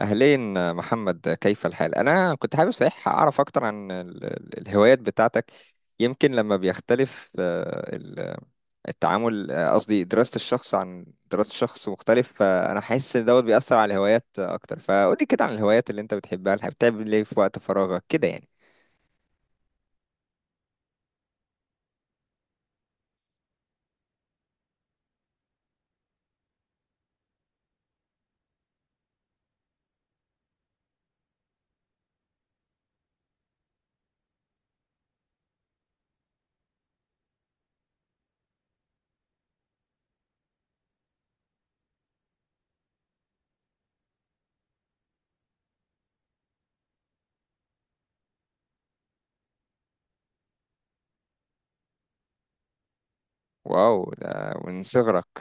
أهلين محمد، كيف الحال؟ أنا كنت حابب صحيح أعرف أكتر عن الهوايات بتاعتك. يمكن لما بيختلف التعامل، قصدي دراسة الشخص عن دراسة شخص مختلف، فأنا حاسس إن دوت بيأثر على الهوايات أكتر. فقولي كده عن الهوايات اللي أنت بتحبها، اللي بتعمل إيه في وقت فراغك كده يعني. واو، ده من صغرك.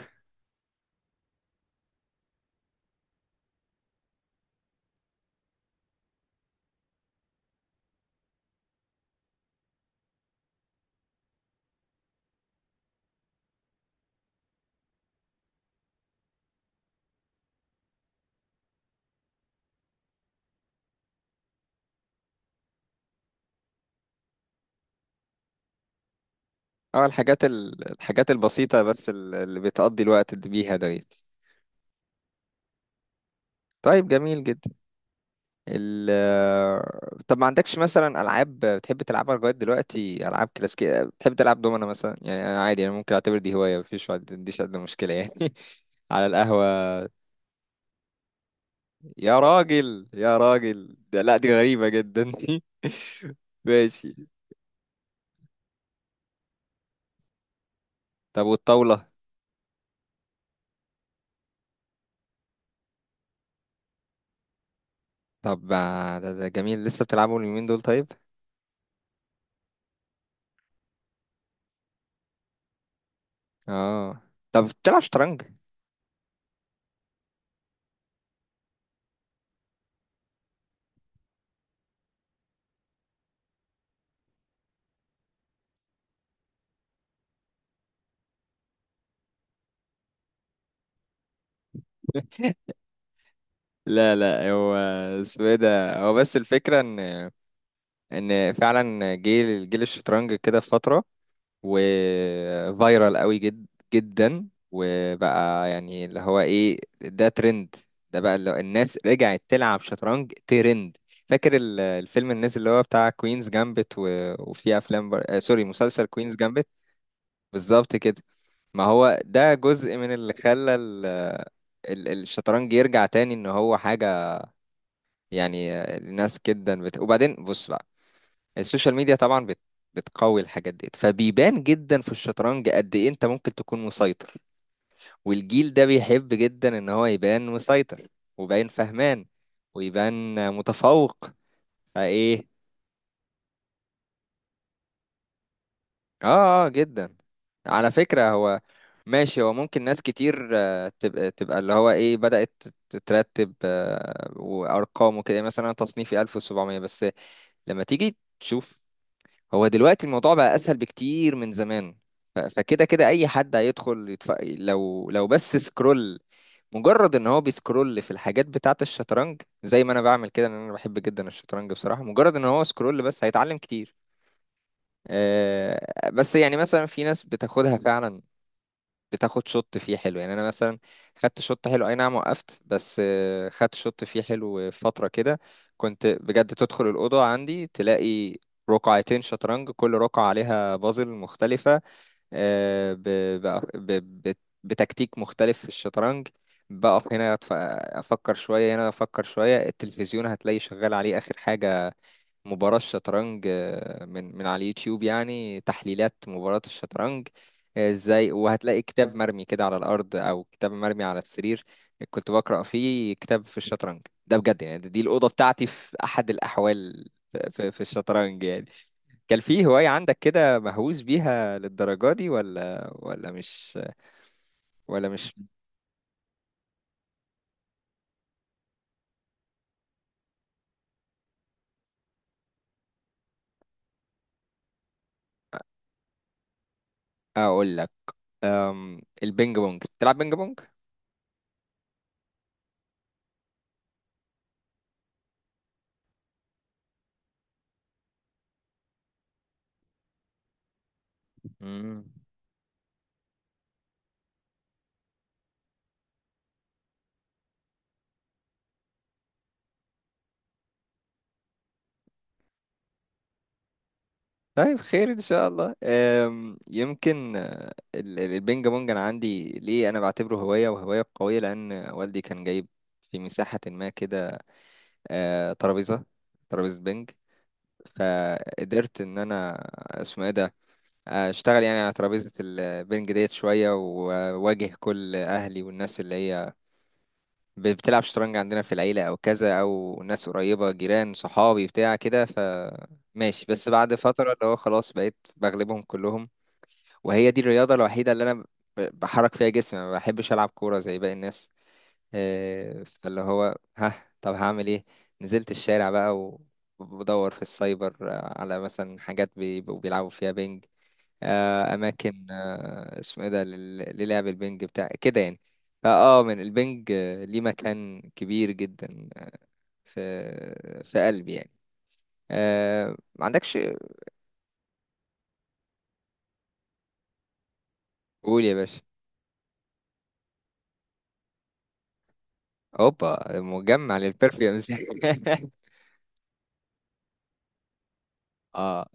أه، الحاجات الحاجات البسيطة بس، اللي بتقضي الوقت بيها ديت. طيب، جميل جدا. طب ما عندكش مثلا العاب بتحب تلعبها لغايه دلوقتي، العاب كلاسيكيه، بتحب تلعب دومنا مثلا؟ يعني انا عادي، انا ممكن اعتبر دي هوايه، مفيش، ما عنديش ادنى مشكله يعني على القهوه. يا راجل، يا راجل ده، لا دي غريبه جدا. ماشي. طب والطاوله؟ طب ما ده جميل، لسه بتلعبوا اليومين دول؟ طيب. اه. طب بتلعب شطرنج؟ لا، لا، هو اسمه ايه ده، هو بس الفكره ان فعلا جيل الشطرنج كده في فتره، وفايرال قوي جدا، وبقى يعني اللي هو ايه، ده ترند. ده بقى اللي هو الناس رجعت تلعب شطرنج ترند. فاكر الفيلم، الناس اللي هو بتاع كوينز جامبت وفي افلام سوري، مسلسل كوينز جامبت. بالظبط كده. ما هو ده جزء من اللي خلى الشطرنج يرجع تاني، ان هو حاجة يعني الناس جدا وبعدين بص، السوشيال ميديا طبعا بتقوي الحاجات دي، فبيبان جدا في الشطرنج قد ايه انت ممكن تكون مسيطر، والجيل ده بيحب جدا ان هو يبان مسيطر، ويبان فهمان، ويبان متفوق فايه. اه، اه، جدا. على فكرة هو ماشي، هو ممكن ناس كتير تبقى اللي هو ايه بدأت تترتب وارقام وكده، مثلا أنا تصنيفي 1700 بس لما تيجي تشوف. هو دلوقتي الموضوع بقى اسهل بكتير من زمان، فكده كده اي حد هيدخل لو بس سكرول، مجرد ان هو بيسكرول في الحاجات بتاعه الشطرنج زي ما انا بعمل كده، لان انا بحب جدا الشطرنج بصراحة، مجرد ان هو سكرول بس هيتعلم كتير. بس يعني مثلا في ناس بتاخدها فعلا، بتاخد شوت فيه حلو، يعني انا مثلا خدت شوت حلو اي نعم، وقفت بس خدت شوت فيه حلو فترة كده. كنت بجد تدخل الأوضة عندي تلاقي رقعتين شطرنج، كل رقعة عليها بازل مختلفة، آه، ب- بأ- ب- ب- بتكتيك مختلف في الشطرنج. بقف هنا افكر شوية، هنا افكر شوية، التلفزيون هتلاقي شغال عليه اخر حاجة، مباراة الشطرنج من على اليوتيوب، يعني تحليلات مباراة الشطرنج ازاي. وهتلاقي كتاب مرمي كده على الأرض، أو كتاب مرمي على السرير، كنت بقرأ فيه كتاب في الشطرنج. ده بجد، يعني دي الأوضة بتاعتي في أحد الأحوال في الشطرنج يعني. كان في هواية عندك كده مهووس بيها للدرجة دي، ولا مش، مش؟ أقول لك، البينج بونج، بتلعب بينج بونج؟ مم. طيب، خير ان شاء الله. يمكن البينج بونج انا عندي ليه، انا بعتبره هوايه وهوايه قويه، لان والدي كان جايب في مساحه ما كده ترابيزه، ترابيزه بينج، فقدرت ان انا اسمه ايه ده اشتغل يعني على ترابيزه البينج ديت شويه، واواجه كل اهلي والناس اللي هي بتلعب شطرنج عندنا في العيله او كذا، او ناس قريبه، جيران، صحابي بتاع كده، ف ماشي. بس بعد فترة اللي هو خلاص بقيت بغلبهم كلهم. وهي دي الرياضة الوحيدة اللي أنا بحرك فيها جسمي، ما بحبش ألعب كورة زي باقي الناس فاللي هو ها. طب هعمل إيه؟ نزلت الشارع بقى وبدور في السايبر على مثلا حاجات بيبقوا بيلعبوا فيها بينج، أماكن اسمه إيه ده للعب البينج بتاع كده يعني. فأه من البينج ليه مكان كبير جدا في قلبي يعني. ما عندكش؟ قول يا باشا. اوبا، مجمع للبرفيومز اه.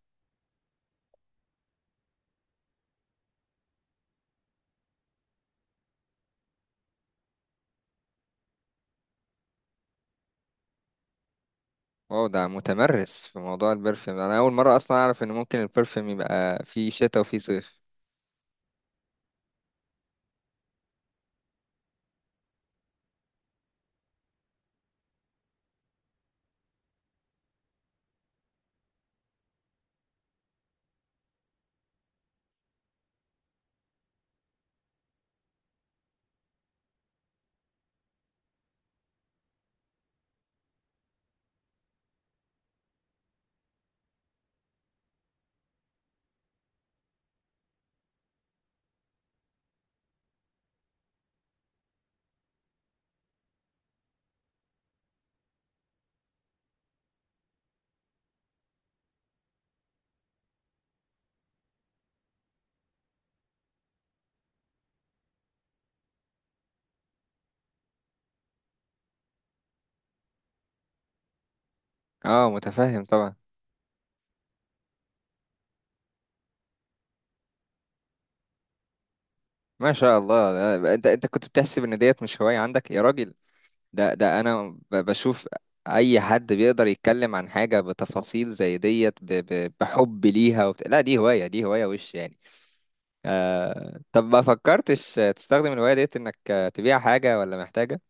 واو، ده متمرس في موضوع البرفيوم ده. انا اول مره اصلا اعرف ان ممكن البرفيوم يبقى فيه شتاء وفيه صيف. اه، متفهم طبعا. ما شاء الله. ده، انت كنت بتحسب ان ديت مش هوايه عندك يا راجل. ده انا بشوف اي حد بيقدر يتكلم عن حاجه بتفاصيل زي ديت بحب ليها لا دي هوايه، دي هوايه وش يعني. طب ما فكرتش تستخدم الهوايه ديت انك تبيع حاجه، ولا محتاجه؟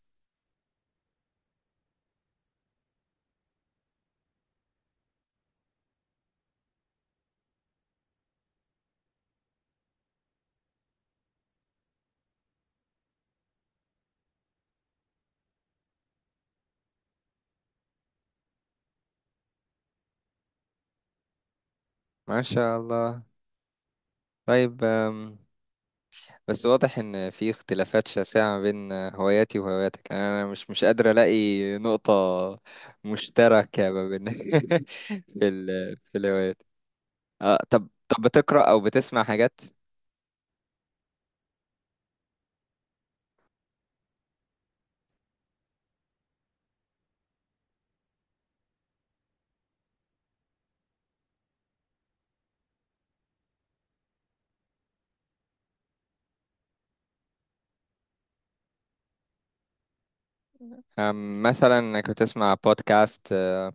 ما شاء الله. طيب. بس واضح ان في اختلافات شاسعة ما بين هواياتي وهواياتك، يعني انا مش قادر الاقي نقطة مشتركة ما بين في الهوايات. آه، طب بتقرأ او بتسمع حاجات؟ مثلا انك بتسمع بودكاست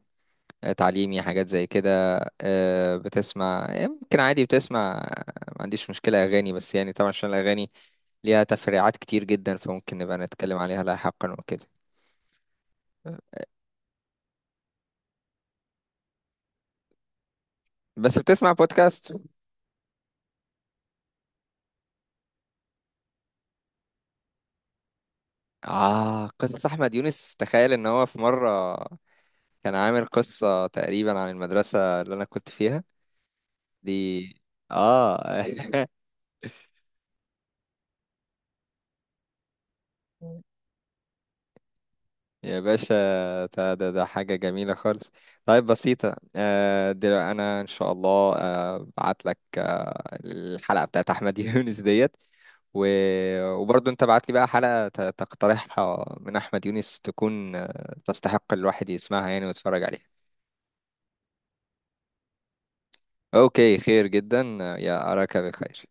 تعليمي، حاجات زي كده، بتسمع يمكن، عادي بتسمع ما عنديش مشكلة اغاني، بس يعني طبعا عشان الاغاني ليها تفريعات كتير جدا فممكن نبقى نتكلم عليها لاحقا وكده. بس بتسمع بودكاست؟ آه، قصة أحمد يونس، تخيل إن هو في مرة كان عامل قصة تقريبا عن المدرسة اللي أنا كنت فيها دي. آه. يا باشا، ده حاجة جميلة خالص. طيب بسيطة، دلوقتي أنا إن شاء الله بعت لك الحلقة بتاعت أحمد يونس ديت و... وبرضه أنت بعت لي بقى حلقة تقترحها من أحمد يونس، تكون تستحق الواحد يسمعها يعني ويتفرج عليها. اوكي، خير جدا. يا، اراك بخير.